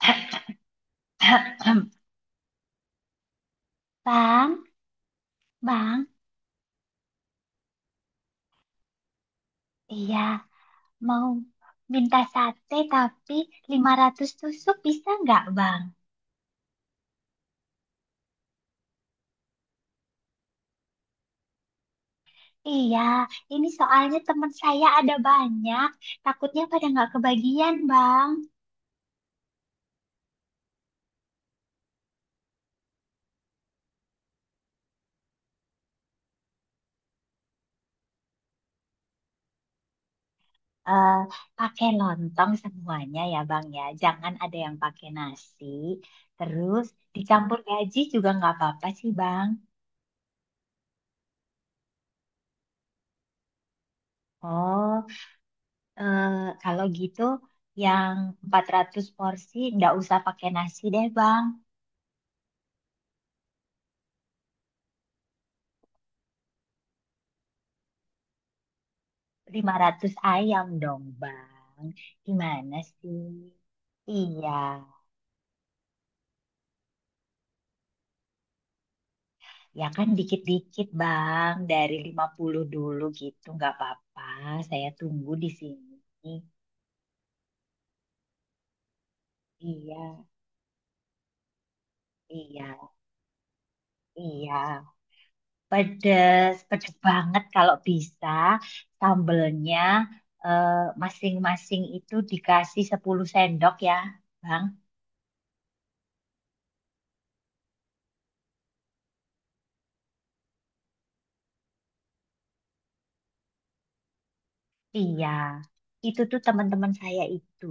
Bang, Bang, iya, mau minta sate tapi 500 tusuk bisa nggak, Bang? Iya, ini soalnya teman saya ada banyak, takutnya pada nggak kebagian, Bang. Eh, pakai lontong semuanya ya, Bang ya. Jangan ada yang pakai nasi. Terus dicampur gaji juga nggak apa-apa sih, Bang. Oh, Eh, kalau gitu yang 400 porsi nggak usah pakai nasi deh Bang. 500 ayam dong Bang. Gimana sih? Iya, ya kan dikit-dikit Bang. Dari 50 dulu gitu nggak apa-apa. Saya tunggu di sini. Iya, iya, iya. Pedes, pedes banget kalau bisa. Sambelnya eh, masing-masing itu dikasih 10 sendok ya Bang. Iya, itu tuh teman-teman saya itu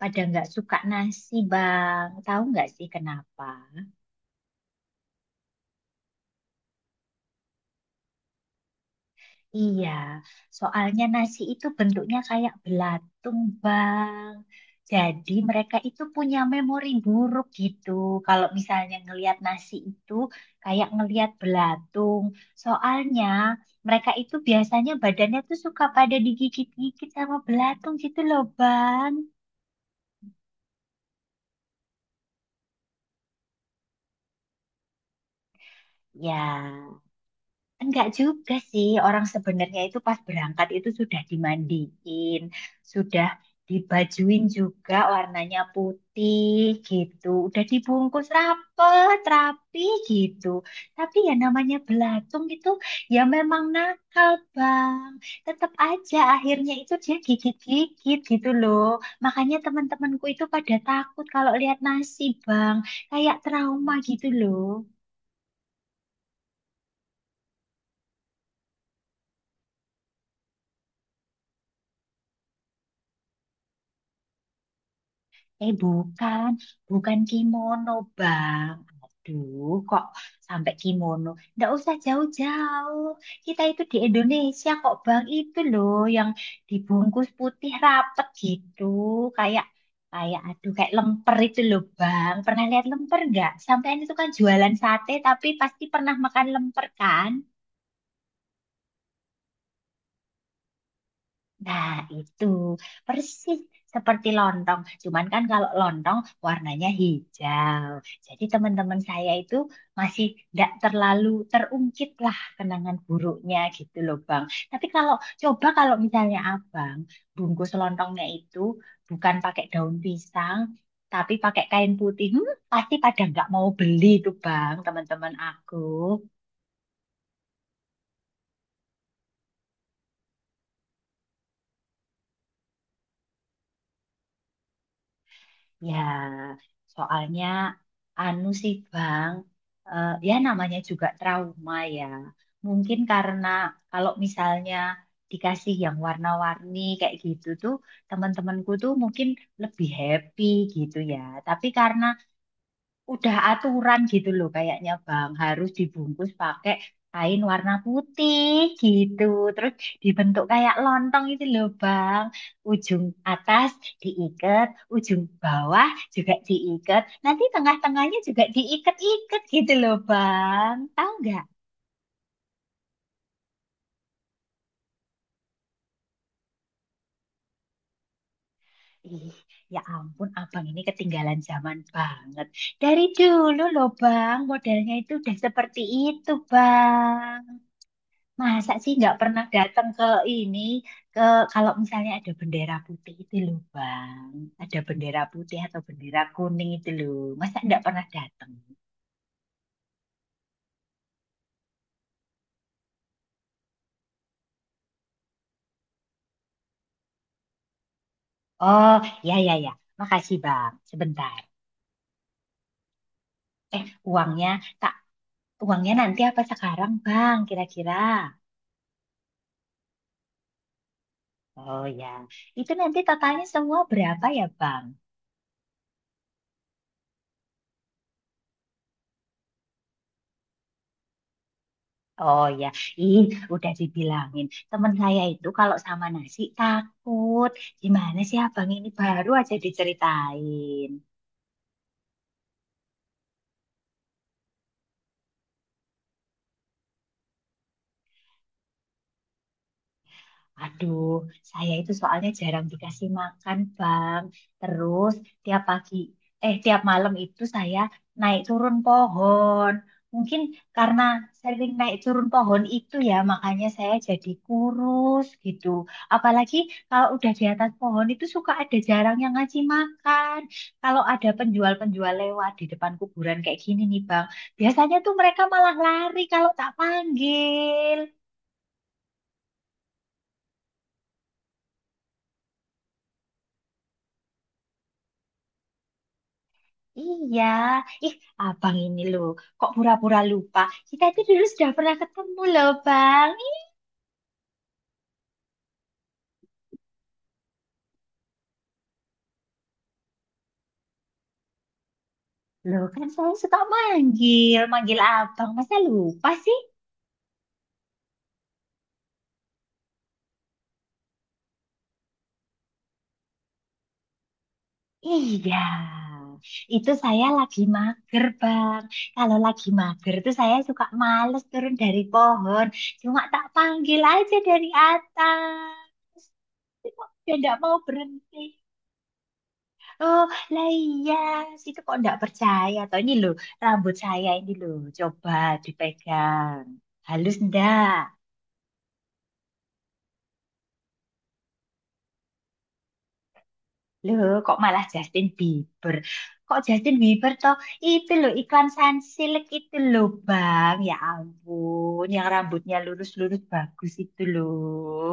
pada nggak suka nasi, Bang. Tahu nggak sih kenapa? Iya, soalnya nasi itu bentuknya kayak belatung, Bang. Jadi mereka itu punya memori buruk gitu. Kalau misalnya ngelihat nasi itu kayak ngelihat belatung. Soalnya mereka itu biasanya badannya tuh suka pada digigit-gigit sama belatung gitu loh, Bang. Ya. Enggak juga sih, orang sebenarnya itu pas berangkat itu sudah dimandiin, sudah dibajuin juga warnanya putih gitu, udah dibungkus rapet, rapi gitu. Tapi ya namanya belatung itu ya memang nakal, Bang. Tetap aja akhirnya itu dia gigit-gigit gitu loh. Makanya teman-temanku itu pada takut kalau lihat nasi, Bang. Kayak trauma gitu loh. Eh bukan, bukan kimono bang. Aduh, kok sampai kimono? Nggak usah jauh-jauh. Kita itu di Indonesia kok bang. Itu loh yang dibungkus putih rapet gitu. Kayak, kayak aduh kayak lemper itu loh bang. Pernah lihat lemper nggak? Sampean itu kan jualan sate tapi pasti pernah makan lemper kan? Nah, itu persis seperti lontong. Cuman kan kalau lontong warnanya hijau. Jadi teman-teman saya itu masih tidak terlalu terungkit lah kenangan buruknya gitu loh Bang. Tapi kalau coba kalau misalnya Abang bungkus lontongnya itu bukan pakai daun pisang, tapi pakai kain putih, hmm, pasti pada nggak mau beli tuh Bang, teman-teman aku. Ya, soalnya anu sih Bang, eh, ya namanya juga trauma ya. Mungkin karena kalau misalnya dikasih yang warna-warni kayak gitu tuh, teman-temanku tuh mungkin lebih happy gitu ya. Tapi karena udah aturan gitu loh kayaknya Bang harus dibungkus pakai kain warna putih gitu terus dibentuk kayak lontong itu loh Bang ujung atas diikat ujung bawah juga diikat nanti tengah-tengahnya juga diikat-ikat gitu loh Bang tahu nggak ih ya ampun Abang ini ketinggalan zaman banget dari dulu loh Bang modelnya itu udah seperti itu Bang. Masa sih nggak pernah datang ke ini ke kalau misalnya ada bendera putih itu loh Bang. Ada bendera putih atau bendera kuning itu loh. Masa nggak pernah datang? Oh, ya ya ya. Makasih Bang. Sebentar. Eh, uangnya tak uangnya nanti apa sekarang Bang kira-kira? Oh ya. Itu nanti totalnya semua berapa ya Bang? Oh ya, In, udah dibilangin. Temen saya itu kalau sama nasi takut. Gimana sih abang ini baru aja diceritain. Aduh, saya itu soalnya jarang dikasih makan, Bang. Terus tiap pagi, eh tiap malam itu saya naik turun pohon. Mungkin karena sering naik turun pohon itu ya, makanya saya jadi kurus gitu. Apalagi kalau udah di atas pohon itu suka ada jarang yang ngasih makan. Kalau ada penjual-penjual lewat di depan kuburan kayak gini nih, Bang. Biasanya tuh mereka malah lari kalau tak panggil. Iya, ih abang ini loh, kok pura-pura lupa. Kita itu dulu sudah pernah ketemu loh bang. Ih, loh kan saya suka manggil abang. Masa lupa sih? Iya, itu saya lagi mager bang. Kalau lagi mager tuh saya suka males turun dari pohon. Cuma tak panggil aja dari atas. Tapi kok Dia tidak mau berhenti. Oh, lah iya, situ kok nggak percaya. Toh ini loh, rambut saya ini loh, coba dipegang. Halus ndak? Loh, kok malah Justin Bieber? Kok Justin Bieber toh? Itu loh, iklan Sunsilk itu loh, Bang. Ya ampun, yang rambutnya lurus-lurus bagus itu loh.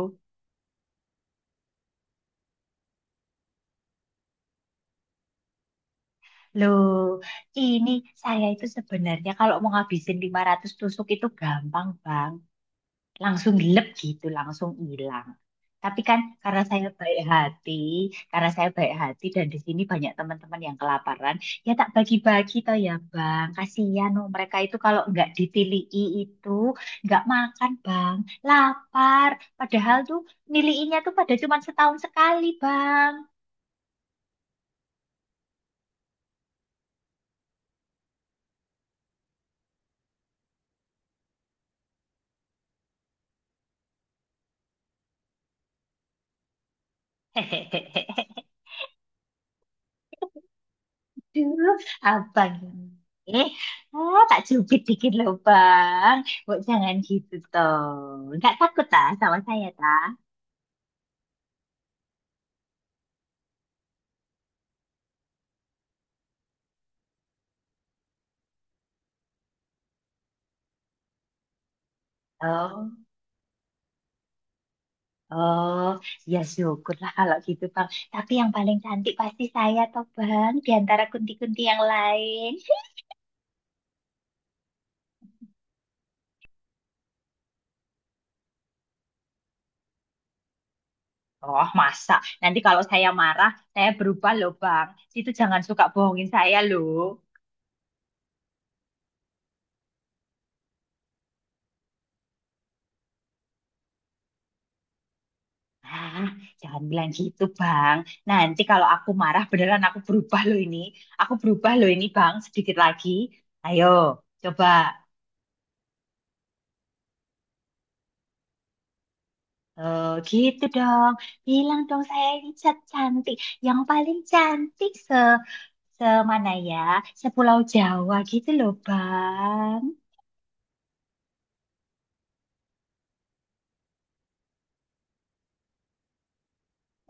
Loh, ini saya itu sebenarnya kalau mau ngabisin 500 tusuk itu gampang, Bang. Langsung gelap gitu, langsung hilang. Tapi kan karena saya baik hati, karena saya baik hati dan di sini banyak teman-teman yang kelaparan, ya tak bagi-bagi toh ya Bang. Kasihan loh mereka itu kalau nggak ditilii itu nggak makan Bang, lapar. Padahal tuh niliinya tuh pada cuma setahun sekali Bang. Aduh, abang ini. Ah, tak cubit dikit loh, Bang. Bu, jangan gitu, toh. Nggak takut, tak, sama saya, tak? Oh, oh, ya syukurlah kalau gitu, Bang. Tapi yang paling cantik pasti saya, toh, Bang, di antara kunti-kunti yang lain. Oh, masa? Nanti kalau saya marah, saya berubah loh, Bang. Itu jangan suka bohongin saya loh. Ah, jangan bilang gitu, Bang. Nanti kalau aku marah, beneran aku berubah loh ini. Aku berubah loh ini, Bang, sedikit lagi. Ayo, coba. Eh, gitu dong. Bilang dong saya ini cantik. Yang paling cantik semana ya? Sepulau Jawa gitu loh, Bang.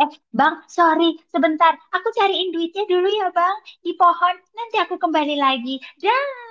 Eh, Bang, sorry, sebentar. Aku cariin duitnya dulu ya, Bang. Di pohon. Nanti aku kembali lagi. Dah.